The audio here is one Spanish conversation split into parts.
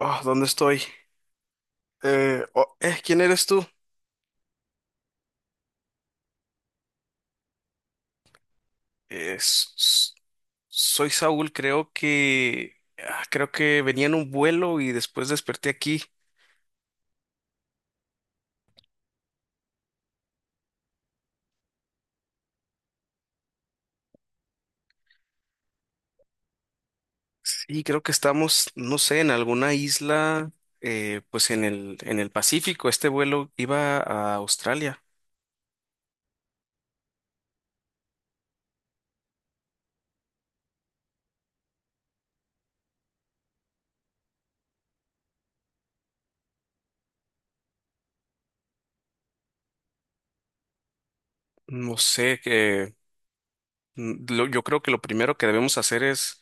Oh, ¿dónde estoy? Oh, ¿quién eres tú? Eh, s- s- Soy Saúl, creo que creo que venía en un vuelo y después desperté aquí. Sí, creo que estamos, no sé, en alguna isla, pues en el Pacífico. Este vuelo iba a Australia. No sé, yo creo que lo primero que debemos hacer es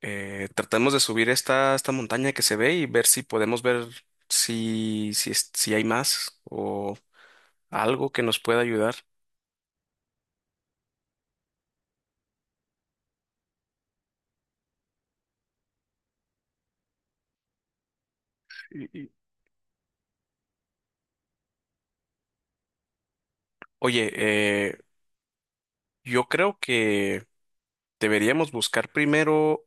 tratemos de subir esta montaña que se ve y ver si podemos ver si si hay más o algo que nos pueda ayudar. Y- y- Oye, yo creo que deberíamos buscar primero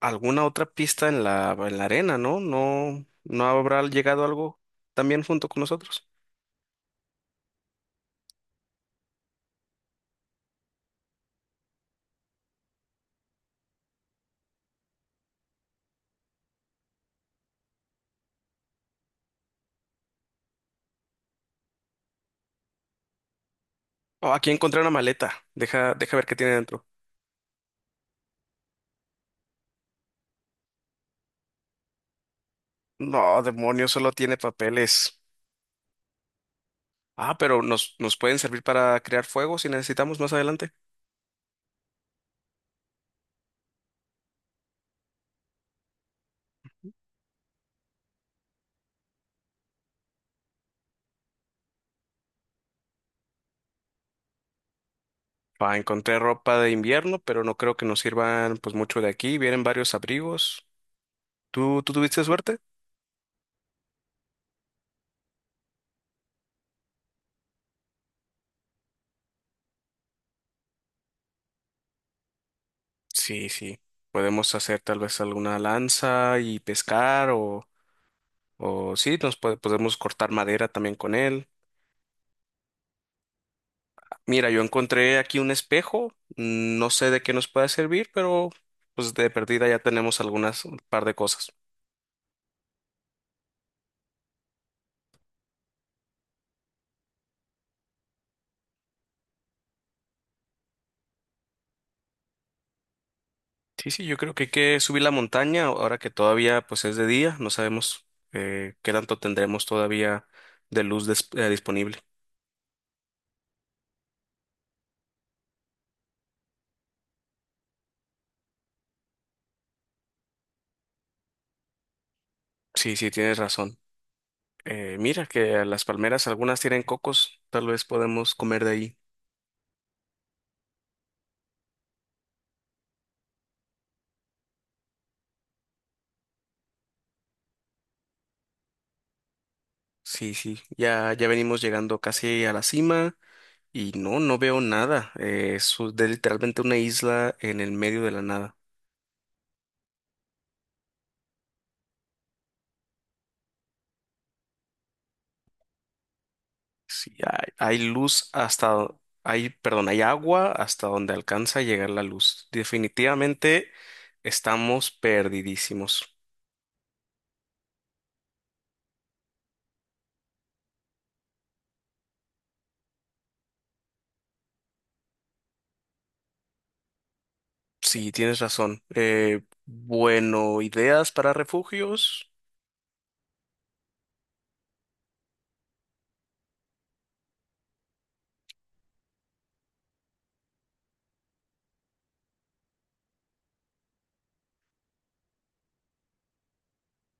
alguna otra pista en la arena, ¿no? No, no habrá llegado algo también junto con nosotros. Oh, aquí encontré una maleta. Deja ver qué tiene dentro. No, demonio, solo tiene papeles. Ah, pero nos pueden servir para crear fuego si necesitamos más adelante. Ah, encontré ropa de invierno, pero no creo que nos sirvan pues mucho de aquí. Vienen varios abrigos. ¿Tú tuviste suerte? Sí, sí. Podemos hacer tal vez alguna lanza y pescar o sí, podemos cortar madera también con él. Mira, yo encontré aquí un espejo. No sé de qué nos pueda servir, pero pues de perdida ya tenemos algunas un par de cosas. Sí, sí, yo creo que hay que subir la montaña ahora que todavía pues es de día. No sabemos qué tanto tendremos todavía de luz disponible. Sí, sí, tienes razón. Mira que las palmeras algunas tienen cocos. Tal vez podemos comer de ahí. Sí, sí, ya, ya venimos llegando casi a la cima y no, no veo nada. Es u- de Literalmente una isla en el medio de la nada. Sí, hay luz perdón, hay agua hasta donde alcanza a llegar la luz. Definitivamente estamos perdidísimos. Sí, tienes razón. Bueno, ideas para refugios.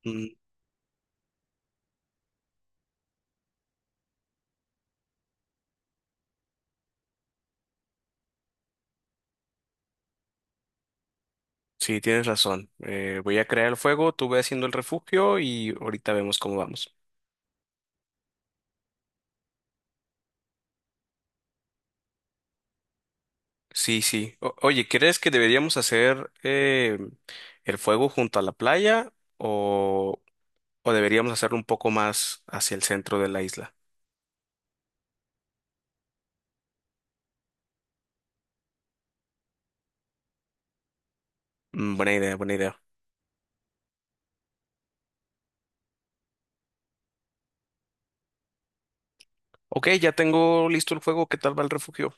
Mm. Sí, tienes razón. Voy a crear el fuego, tú ve haciendo el refugio y ahorita vemos cómo vamos. Sí, sí. Oye, ¿crees que deberíamos hacer el fuego junto a la playa o deberíamos hacerlo un poco más hacia el centro de la isla? Mm, buena idea, buena idea. Ok, ya tengo listo el fuego. ¿Qué tal va el refugio?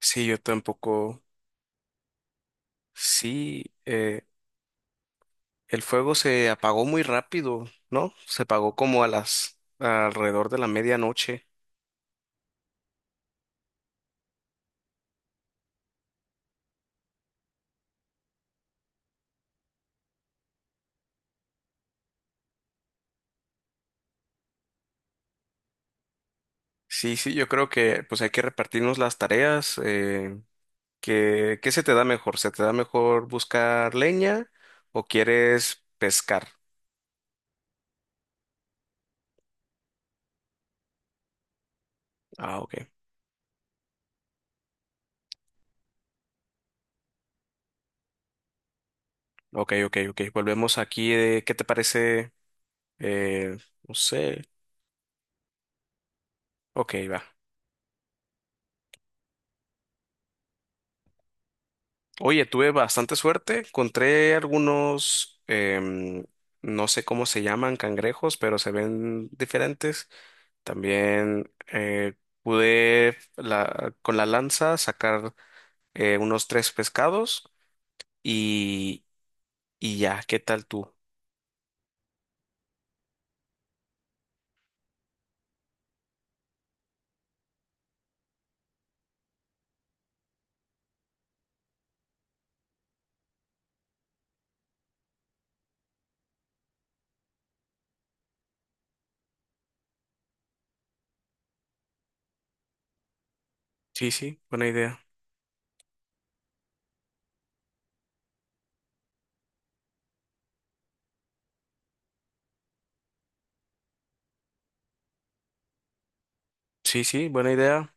Sí, yo tampoco. Sí, el fuego se apagó muy rápido, ¿no? Se apagó como a las alrededor de la medianoche. Sí, sí, yo creo que pues hay que repartirnos las tareas. ¿Qué se te da mejor? ¿Se te da mejor buscar leña o quieres pescar? Ah, ok. Ok, ok, ok. Volvemos aquí de qué te parece, eh, no sé. Ok, va. Oye, tuve bastante suerte. Encontré algunos, no sé cómo se llaman, cangrejos, pero se ven diferentes. También pude con la lanza sacar unos tres pescados y, y ya, ¿qué tal tú? Sí, sí, buena idea. Sí, sí, buena idea.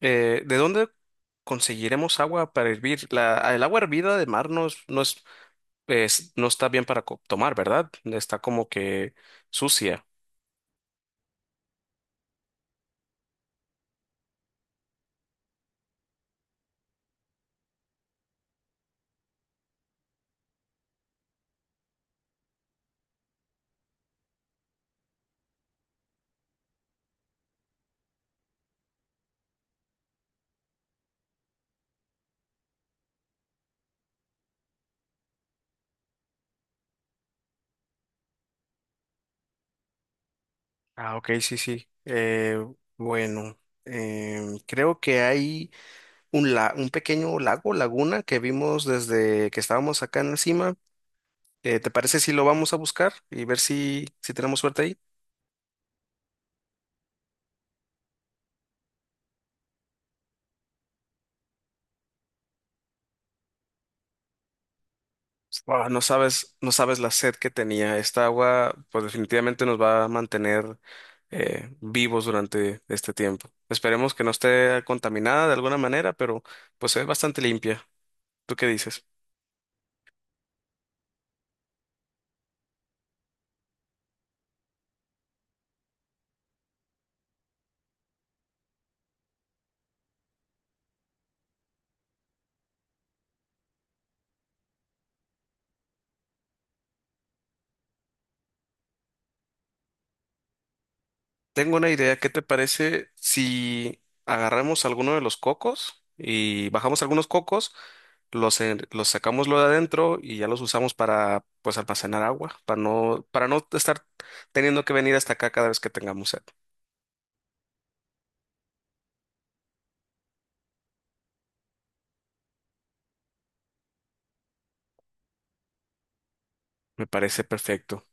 ¿De dónde conseguiremos agua para hervir? La, el agua hervida de mar no es, no está bien para tomar, ¿verdad? Está como que sucia. Ah, ok, sí, sí. Bueno, creo que hay un, un pequeño lago, laguna, que vimos desde que estábamos acá en encima. ¿Te parece si lo vamos a buscar y ver si, si tenemos suerte ahí? Wow, no sabes, no sabes la sed que tenía. Esta agua, pues definitivamente nos va a mantener vivos durante este tiempo. Esperemos que no esté contaminada de alguna manera, pero pues es bastante limpia. ¿Tú qué dices? Tengo una idea. ¿Qué te parece si agarramos alguno de los cocos y bajamos algunos cocos, los, los sacamos lo de adentro y ya los usamos para pues almacenar agua, para no estar teniendo que venir hasta acá cada vez que tengamos sed? Me parece perfecto.